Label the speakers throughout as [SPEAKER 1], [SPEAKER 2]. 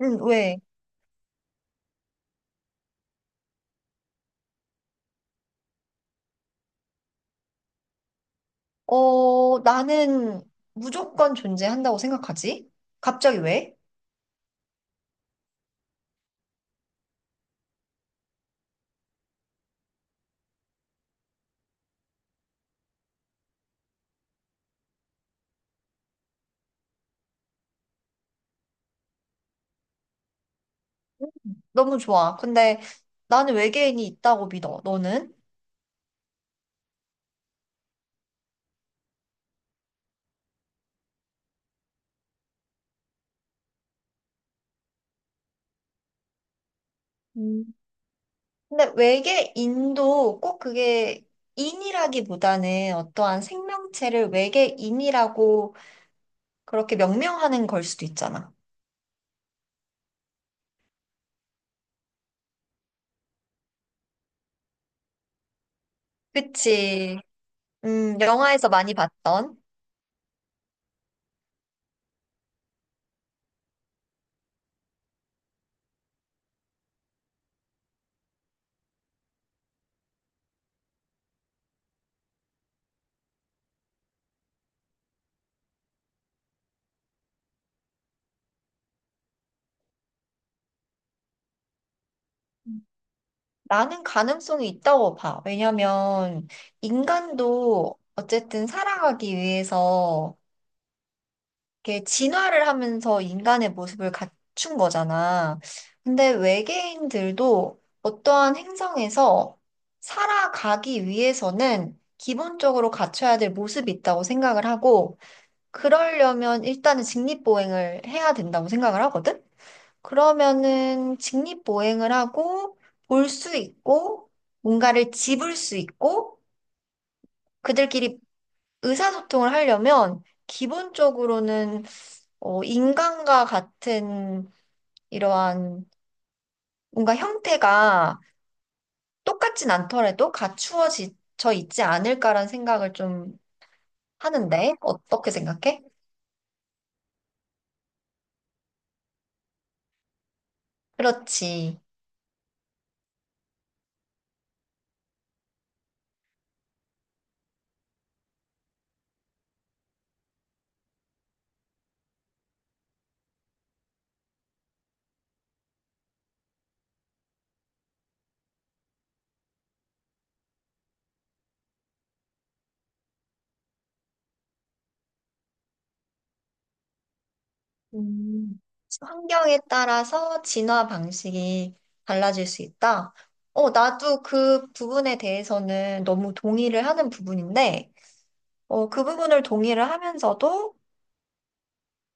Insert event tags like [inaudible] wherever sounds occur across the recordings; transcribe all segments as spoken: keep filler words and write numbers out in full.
[SPEAKER 1] 응, 왜? 어, 나는 무조건 존재한다고 생각하지? 갑자기 왜? 너무 좋아. 근데 나는 외계인이 있다고 믿어. 너는? 음. 근데 외계인도 꼭 그게 인이라기보다는 어떠한 생명체를 외계인이라고 그렇게 명명하는 걸 수도 있잖아. 그치. 음, 영화에서 많이 봤던. 나는 가능성이 있다고 봐. 왜냐면 인간도 어쨌든 살아가기 위해서 이렇게 진화를 하면서 인간의 모습을 갖춘 거잖아. 근데 외계인들도 어떠한 행성에서 살아가기 위해서는 기본적으로 갖춰야 될 모습이 있다고 생각을 하고, 그러려면 일단은 직립보행을 해야 된다고 생각을 하거든? 그러면은 직립보행을 하고, 볼 수 있고, 뭔가를 집을 수 있고, 그들끼리 의사소통을 하려면 기본적으로는 어, 인간과 같은 이러한 뭔가 형태가 똑같진 않더라도 갖추어져 있지 않을까라는 생각을 좀 하는데, 어떻게 생각해? 그렇지. 음, 환경에 따라서 진화 방식이 달라질 수 있다. 어, 나도 그 부분에 대해서는 너무 동의를 하는 부분인데, 어, 그 부분을 동의를 하면서도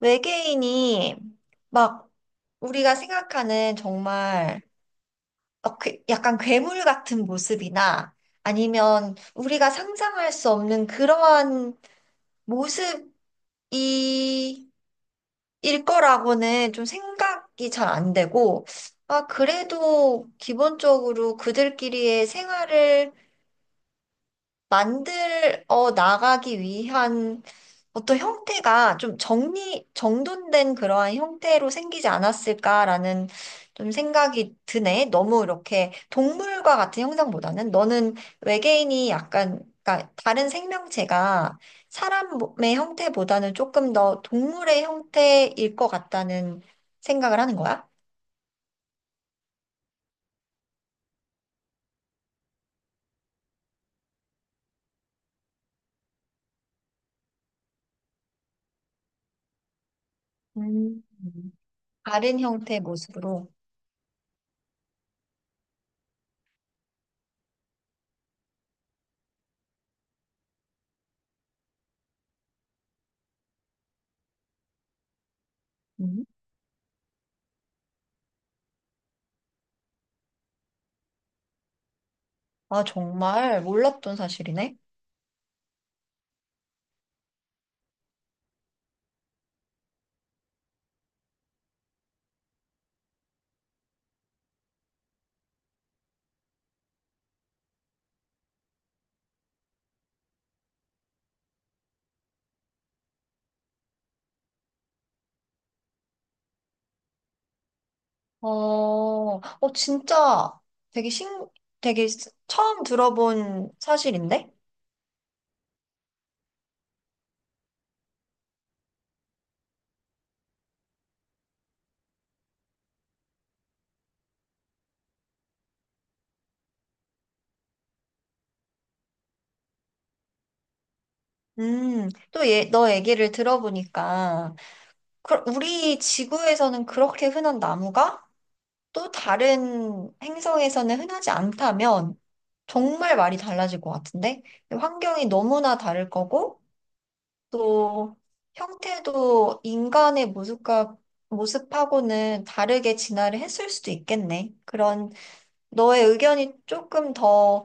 [SPEAKER 1] 외계인이 막 우리가 생각하는 정말 어, 그- 약간 괴물 같은 모습이나 아니면 우리가 상상할 수 없는 그러한 모습이 일 거라고는 좀 생각이 잘 안 되고, 아, 그래도 기본적으로 그들끼리의 생활을 만들어 나가기 위한 어떤 형태가 좀 정리, 정돈된 그러한 형태로 생기지 않았을까라는 좀 생각이 드네. 너무 이렇게 동물과 같은 형상보다는 너는 외계인이 약간, 그러니까 다른 생명체가 사람의 형태보다는 조금 더 동물의 형태일 것 같다는 생각을 하는 거야? 음. 다른 형태의 모습으로. 음. 아, 정말 몰랐던 사실이네. 어, 어, 진짜 되게 신, 되게 스- 처음 들어본 사실인데? 음, 또 얘, 너 얘기를 들어보니까, 그, 우리 지구에서는 그렇게 흔한 나무가 또 다른 행성에서는 흔하지 않다면 정말 말이 달라질 것 같은데? 환경이 너무나 다를 거고, 또 형태도 인간의 모습과 모습하고는 다르게 진화를 했을 수도 있겠네. 그런 너의 의견이 조금 더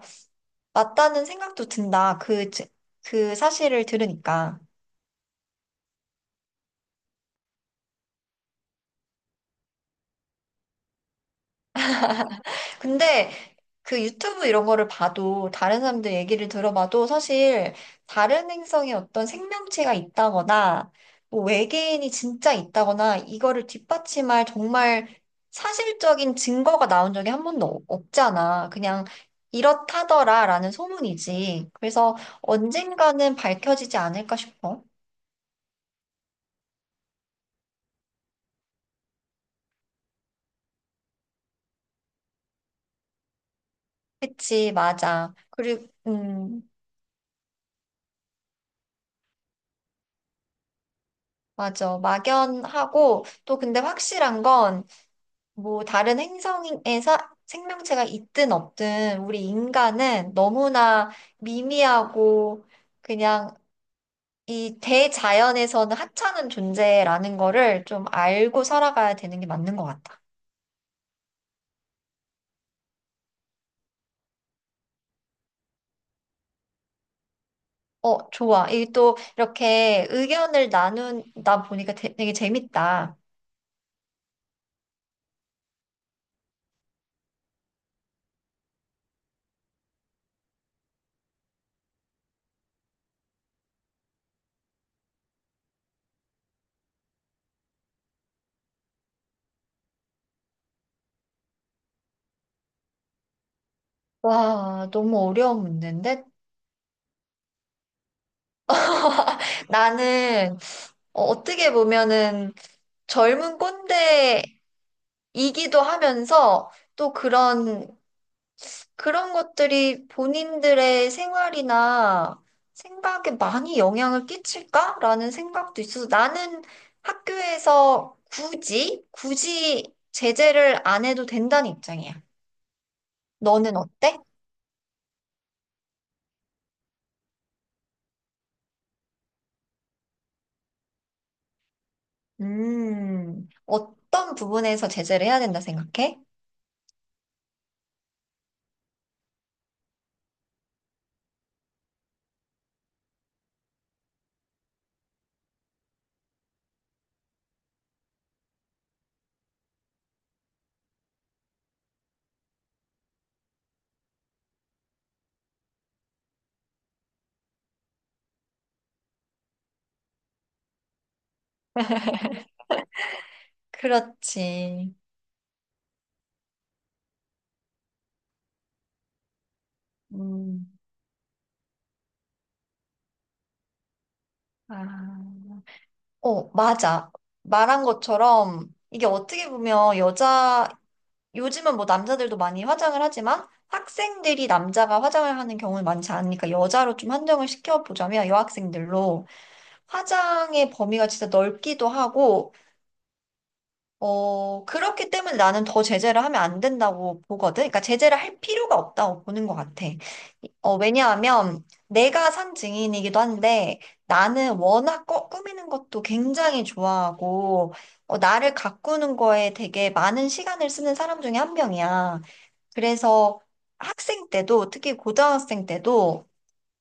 [SPEAKER 1] 맞다는 생각도 든다. 그, 제- 그 사실을 들으니까. 근데 그 유튜브 이런 거를 봐도 다른 사람들 얘기를 들어봐도 사실 다른 행성에 어떤 생명체가 있다거나 뭐 외계인이 진짜 있다거나 이거를 뒷받침할 정말 사실적인 증거가 나온 적이 한 번도 없- 없잖아. 그냥 이렇다더라라는 소문이지. 그래서 언젠가는 밝혀지지 않을까 싶어. 그치, 맞아. 그리고, 음, 맞아. 막연하고, 또 근데 확실한 건, 뭐, 다른 행성에서 생명체가 있든 없든, 우리 인간은 너무나 미미하고, 그냥 이 대자연에서는 하찮은 존재라는 거를 좀 알고 살아가야 되는 게 맞는 것 같아. 어, 좋아. 이 또 이렇게 의견을 나누다 보니까 되- 되게 재밌다. 와, 너무 어려운 문제인데? [laughs] 나는 어, 어떻게 보면은 젊은 꼰대이기도 하면서 또 그런, 그런 것들이 본인들의 생활이나 생각에 많이 영향을 끼칠까라는 생각도 있어서 나는 학교에서 굳이, 굳이 제재를 안 해도 된다는 입장이야. 너는 어때? 음, 어떤 부분에서 제재를 해야 된다 생각해? 그렇지. 음, 아. 어, 맞아. 말한 것처럼 이게 어떻게 보면 여자, 요즘은 뭐 남자들도 많이 화장을 하지만 학생들이 남자가 화장을 하는 경우는 많지 않으니까 여자로 좀 한정을 시켜보자면 여학생들로 화장의 범위가 진짜 넓기도 하고 어, 그렇기 때문에 나는 더 제재를 하면 안 된다고 보거든. 그러니까 제재를 할 필요가 없다고 보는 것 같아. 어, 왜냐하면 내가 산 증인이기도 한데 나는 워낙 꿔- 꾸미는 것도 굉장히 좋아하고 어, 나를 가꾸는 거에 되게 많은 시간을 쓰는 사람 중에 한 명이야. 그래서 학생 때도 특히 고등학생 때도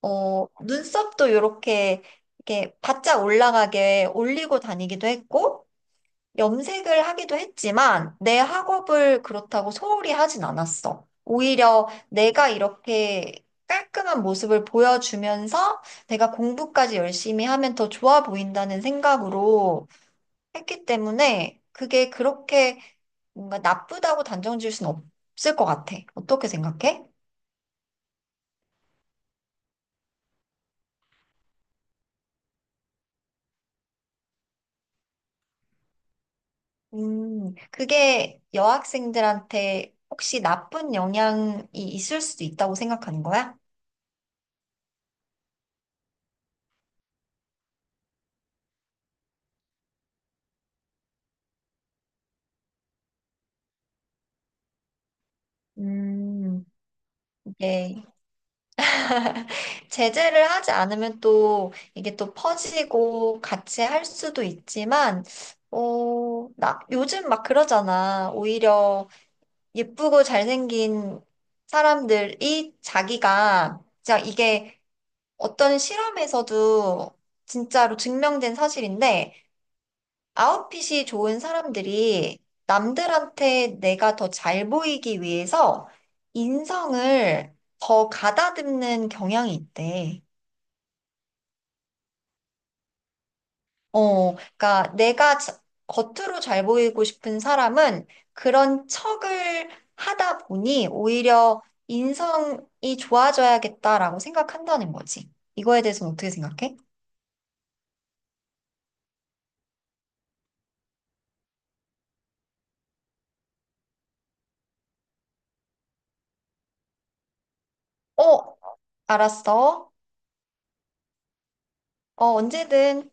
[SPEAKER 1] 어, 눈썹도 이렇게 이렇게 바짝 올라가게 올리고 다니기도 했고 염색을 하기도 했지만 내 학업을 그렇다고 소홀히 하진 않았어. 오히려 내가 이렇게 깔끔한 모습을 보여주면서 내가 공부까지 열심히 하면 더 좋아 보인다는 생각으로 했기 때문에 그게 그렇게 뭔가 나쁘다고 단정 지을 순 없을 것 같아. 어떻게 생각해? 음, 그게 여학생들한테 혹시 나쁜 영향이 있을 수도 있다고 생각하는 거야? 음, 이게 제재를 하지 않으면 또 이게 또 퍼지고 같이 할 수도 있지만, 어, 나, 요즘 막 그러잖아. 오히려 예쁘고 잘생긴 사람들이 자기가, 진짜 이게 어떤 실험에서도 진짜로 증명된 사실인데, 아웃핏이 좋은 사람들이 남들한테 내가 더 잘 보이기 위해서 인성을 더 가다듬는 경향이 있대. 어, 그러니까 내가 자- 겉으로 잘 보이고 싶은 사람은 그런 척을 하다 보니 오히려 인성이 좋아져야겠다라고 생각한다는 거지. 이거에 대해서는 어떻게 생각해? 어, 알았어. 어, 언제든